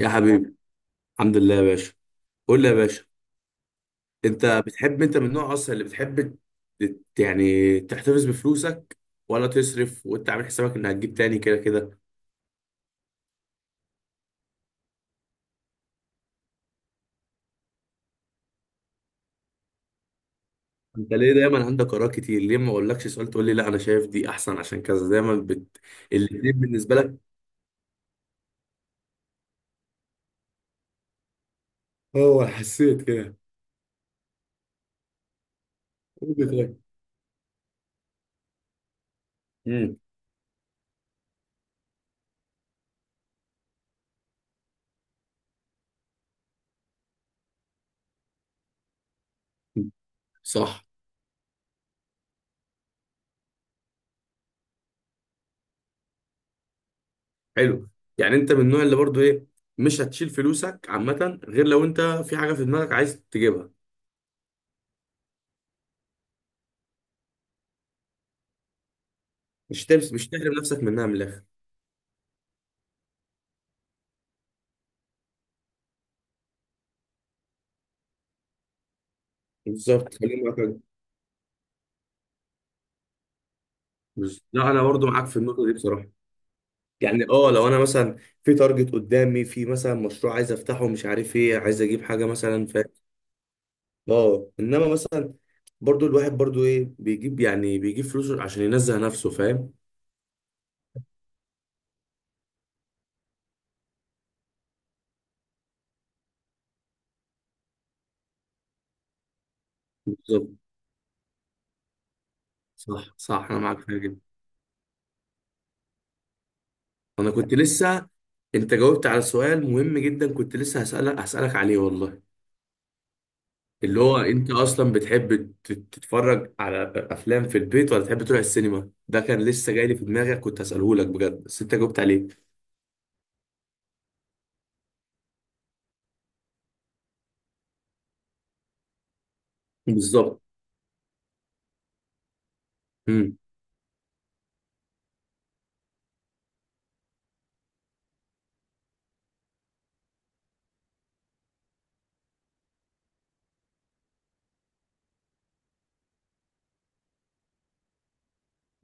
يا حبيبي، الحمد لله يا باشا. قول لي يا باشا، انت بتحب، انت من النوع اصلا اللي بتحب يعني تحتفظ بفلوسك ولا تصرف وانت عامل حسابك انك هتجيب تاني كده كده؟ انت ليه دايما عندك اراء كتير؟ ليه ما اقولكش سؤال تقول لي لا انا شايف دي احسن عشان كذا، دايما الاتنين بالنسبه لك؟ اه حسيت كده. قول لي طيب. امم صح. حلو. يعني انت من النوع اللي برضو ايه، مش هتشيل فلوسك عامه غير لو انت في حاجه في دماغك عايز تجيبها. مش تمس، مش تحرم نفسك منها من الاخر. بالظبط، خليني معاك. لا انا برضو معاك في النقطه دي بصراحه. يعني اه لو انا مثلا في تارجت قدامي، في مثلا مشروع عايز افتحه، مش عارف ايه، عايز اجيب حاجه مثلا ف اه، انما مثلا برضو الواحد ايه بيجيب، يعني بيجيب فلوسه عشان ينزه نفسه، فاهم؟ بالظبط. صح صح، انا معاك فيها جدا. انا كنت لسه، انت جاوبت على سؤال مهم جدا، كنت لسه هسألك عليه والله. اللي هو انت اصلا بتحب تتفرج على افلام في البيت ولا تحب تروح السينما؟ ده كان لسه جاي لي في دماغك، كنت هساله لك بجد، بس انت جاوبت عليه. بالظبط. امم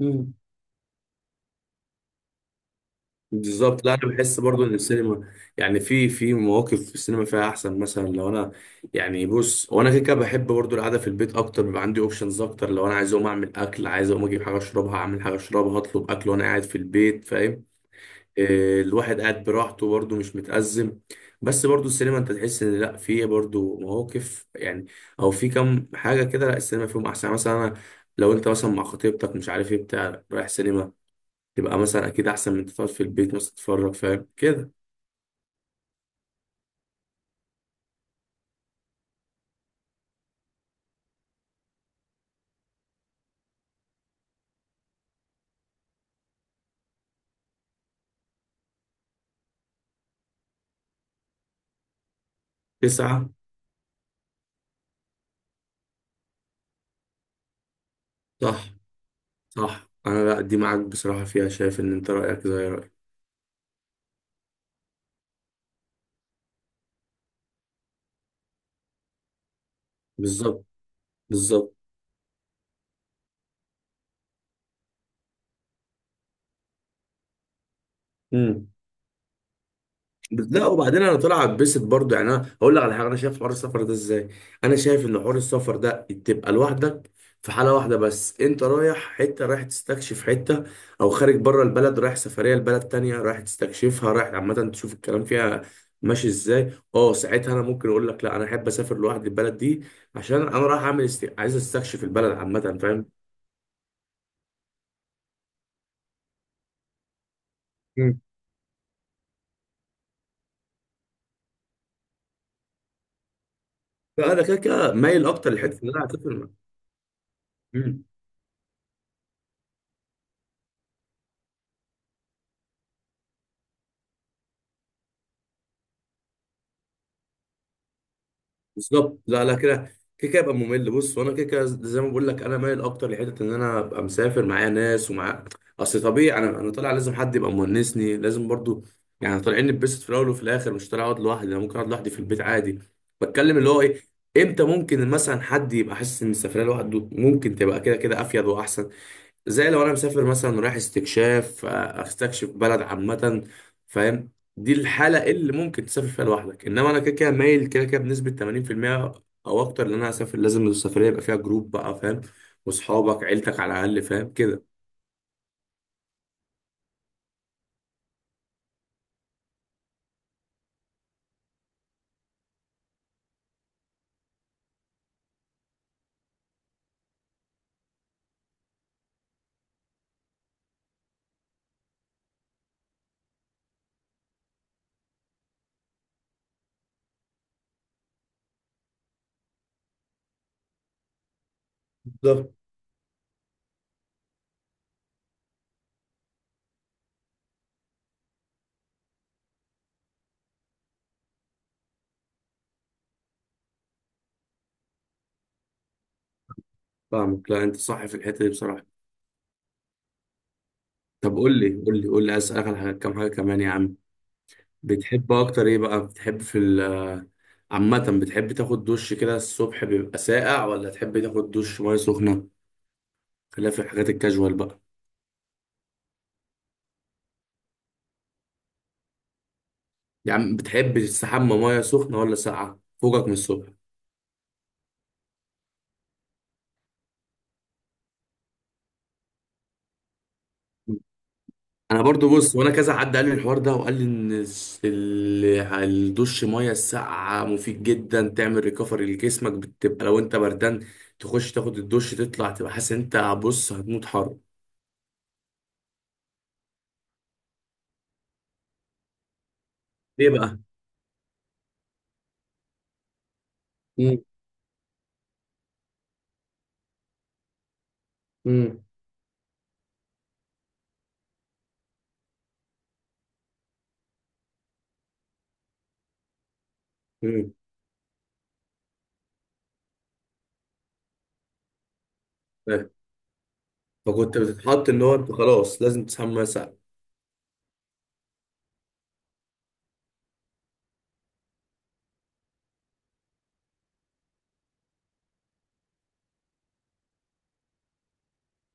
امم بالظبط. لا انا بحس برضو ان السينما، يعني في مواقف في السينما فيها احسن. مثلا لو انا، يعني بص، وانا كده كده بحب برضو القعده في البيت اكتر، بيبقى عندي اوبشنز اكتر. لو انا عايز اقوم اعمل اكل، عايز اقوم اجيب حاجه اشربها، اعمل حاجه اشربها، اطلب اكل وانا قاعد في البيت، فاهم؟ الواحد قاعد براحته برضه، مش متأزم. بس برضه السينما انت تحس ان لا، في برضه مواقف يعني، او في كم حاجة كده لا السينما فيهم احسن. يعني مثلا انا، لو انت مثلا مع خطيبتك، مش عارف ايه بتاع، رايح سينما، تبقى مثلا اكيد احسن من انت تقعد في البيت مثلا تتفرج، فاهم كده؟ تسعة، صح. صح، انا لا دي معاك بصراحة فيها، شايف ان انت رأيك زي رأيي. بالظبط. بالظبط. مم. لا، وبعدين انا طلع اتبسط برضه. يعني انا هقول لك على حاجه، انا شايف حوار السفر ده ازاي. انا شايف ان حوار السفر ده تبقى لوحدك في حاله واحده بس، انت رايح حته، رايح تستكشف حته، او خارج بره البلد، رايح سفريه لبلد تانية رايح تستكشفها، رايح عامه تشوف الكلام فيها ماشي ازاي. اه، ساعتها انا ممكن اقول لك لا انا احب اسافر لوحدي البلد دي، عشان انا رايح اعمل عايز استكشف البلد عامه، فاهم؟ مم. فانا كده كده مايل اكتر للحته اللي انا هسافر. مم. بالظبط. لا كده، كده كده يبقى ممل. بص، وانا كده كده زي ما بقول لك انا مايل اكتر لحته ان انا ابقى مسافر معايا ناس ومع، اصل طبيعي انا طالع لازم حد يبقى مونسني، لازم برضو. يعني طالعين نتبسط في الاول وفي الاخر، مش طالع اقعد لوحدي، انا ممكن اقعد لوحدي في البيت عادي. بتكلم اللي هو ايه، امتى ممكن مثلا حد يبقى حاسس ان السفريه لوحده ممكن تبقى كده كده افيد واحسن. زي لو انا مسافر مثلا رايح استكشاف، استكشف بلد عامة، فاهم؟ دي الحالة اللي ممكن تسافر فيها لوحدك. انما انا كده كده مايل كده كده بنسبة 80% او اكتر، ان انا اسافر لازم السفرية يبقى فيها جروب بقى، فاهم؟ واصحابك، عيلتك على الاقل، فاهم كده؟ بالظبط. فاهمك. لا انت صح في الحتة دي بصراحة. طب قول لي، قول لي عايز اسالك على كام حاجة كمان يا عم. بتحب اكتر ايه بقى؟ بتحب في ال عامة، بتحب تاخد دش كده الصبح بيبقى ساقع ولا تحب تاخد دش مية سخنة؟ خلاف الحاجات الكاجوال بقى. يا عم بتحب تستحمى ميه سخنه ولا ساقعه فوقك من الصبح؟ انا برضو بص، وانا كذا حد قال لي الحوار ده وقال لي ان الدش ميه الساقعه مفيد جدا، تعمل ريكفري لجسمك، بتبقى لو انت بردان تخش تاخد الدش تطلع تبقى حاسس ان انت، بص هتموت حر. ليه بقى؟ امم امم امم فكنت بتتحط ان هو انت خلاص لازم تسحب ميه ساقعه.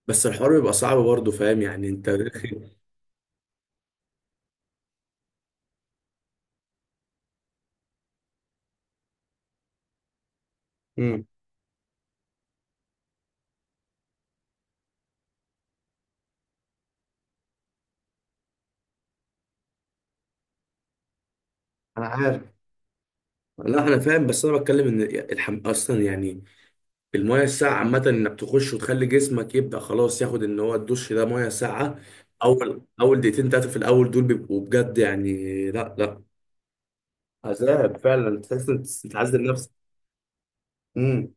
بس الحوار بيبقى صعب برضه، فاهم يعني انت؟ امم انا عارف. لا انا فاهم، بس انا بتكلم ان اصلا يعني الميه الساقعه عامه انك تخش وتخلي جسمك يبدا خلاص ياخد ان هو الدش ده ميه ساقعه. اول دقيقتين ثلاثه في الاول دول بيبقوا بجد يعني. لا، عذاب فعلا، تحس إن انت بتعذب نفسك. امم،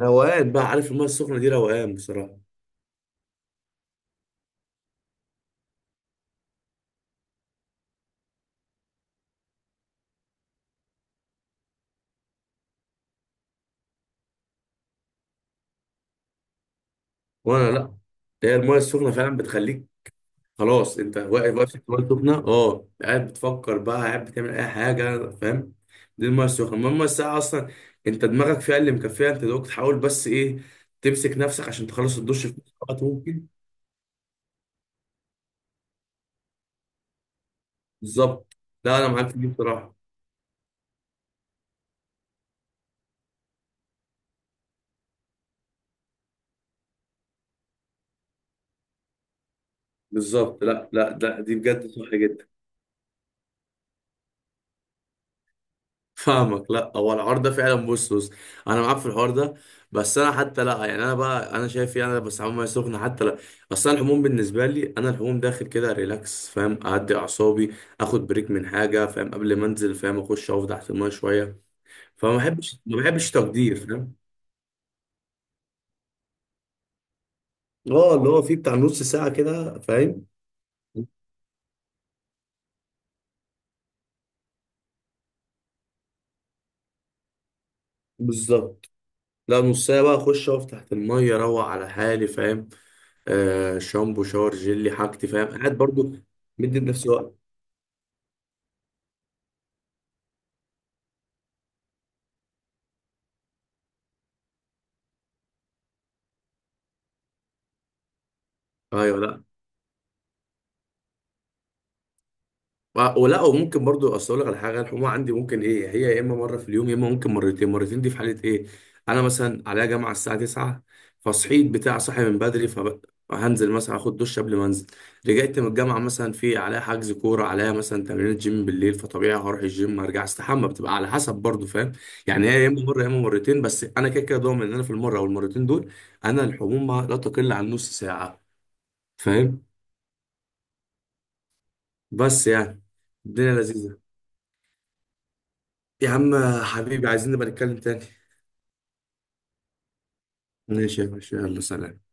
روقان بقى. عارف الميه السخنه دي روقان بصراحه. وانا لا، هي الميه السخنه فعلا بتخليك، خلاص انت واقف في الميه السخنه، اه قاعد بتفكر بقى، قاعد بتعمل اي حاجه، فاهم؟ دي الميه السخنه. المهم الميه الساقعه اصلا، انت دماغك فيها اللي مكفيها، انت دوك تحاول بس ايه، تمسك نفسك عشان تخلص الدش في أقصى وقت ممكن. بالظبط، لا انا معاك في دي بصراحه. بالظبط، لا، دي بجد صح جدا. فاهمك. لا، هو الحوار ده فعلا، بص بص، انا معاك في الحوار ده. بس انا حتى لا، يعني انا بقى انا شايف، يعني انا بستعمل ميه سخنه حتى لا، اصل أنا الحموم بالنسبه لي، انا الحموم داخل كده ريلاكس، فاهم، اهدي اعصابي، اخد بريك من حاجه، فاهم، قبل ما انزل، فاهم، اخش اقف تحت الميه شويه. فما بحبش، ما بحبش تقدير، فاهم؟ اه، اللي هو فيه بتاع نص ساعه كده، فاهم؟ بالظبط. لا نص ساعه بقى، اخش اقف تحت الميه اروق على حالي، فاهم، آه شامبو شاور جيلي حاجتي، فاهم، قاعد برضو مدي لنفسي وقت. ايوه. لا، ولا وممكن برضو، اصل اقول لك على حاجه، الحمومه عندي ممكن ايه، هي يا اما مره في اليوم يا اما ممكن مرتين. مرتين دي في حاله ايه، انا مثلا عليا جامعه الساعه 9، فصحيت بتاع، صاحي من بدري، فهنزل مثلا اخد دش قبل ما انزل. رجعت من الجامعه مثلا في عليا حجز كوره، عليا مثلا تمرين جيم بالليل، فطبيعي هروح الجيم ارجع استحمى. بتبقى على حسب برضو، فاهم؟ يعني هي يا اما مره يا اما مرتين. بس انا كده كده ضامن ان انا في المره او المرتين دول، انا الحمومه لا تقل عن نص ساعه، فاهم؟ بس يعني الدنيا لذيذه يا عم. حبيبي، عايزين نبقى نتكلم تاني. ماشي يا باشا، يلا سلام.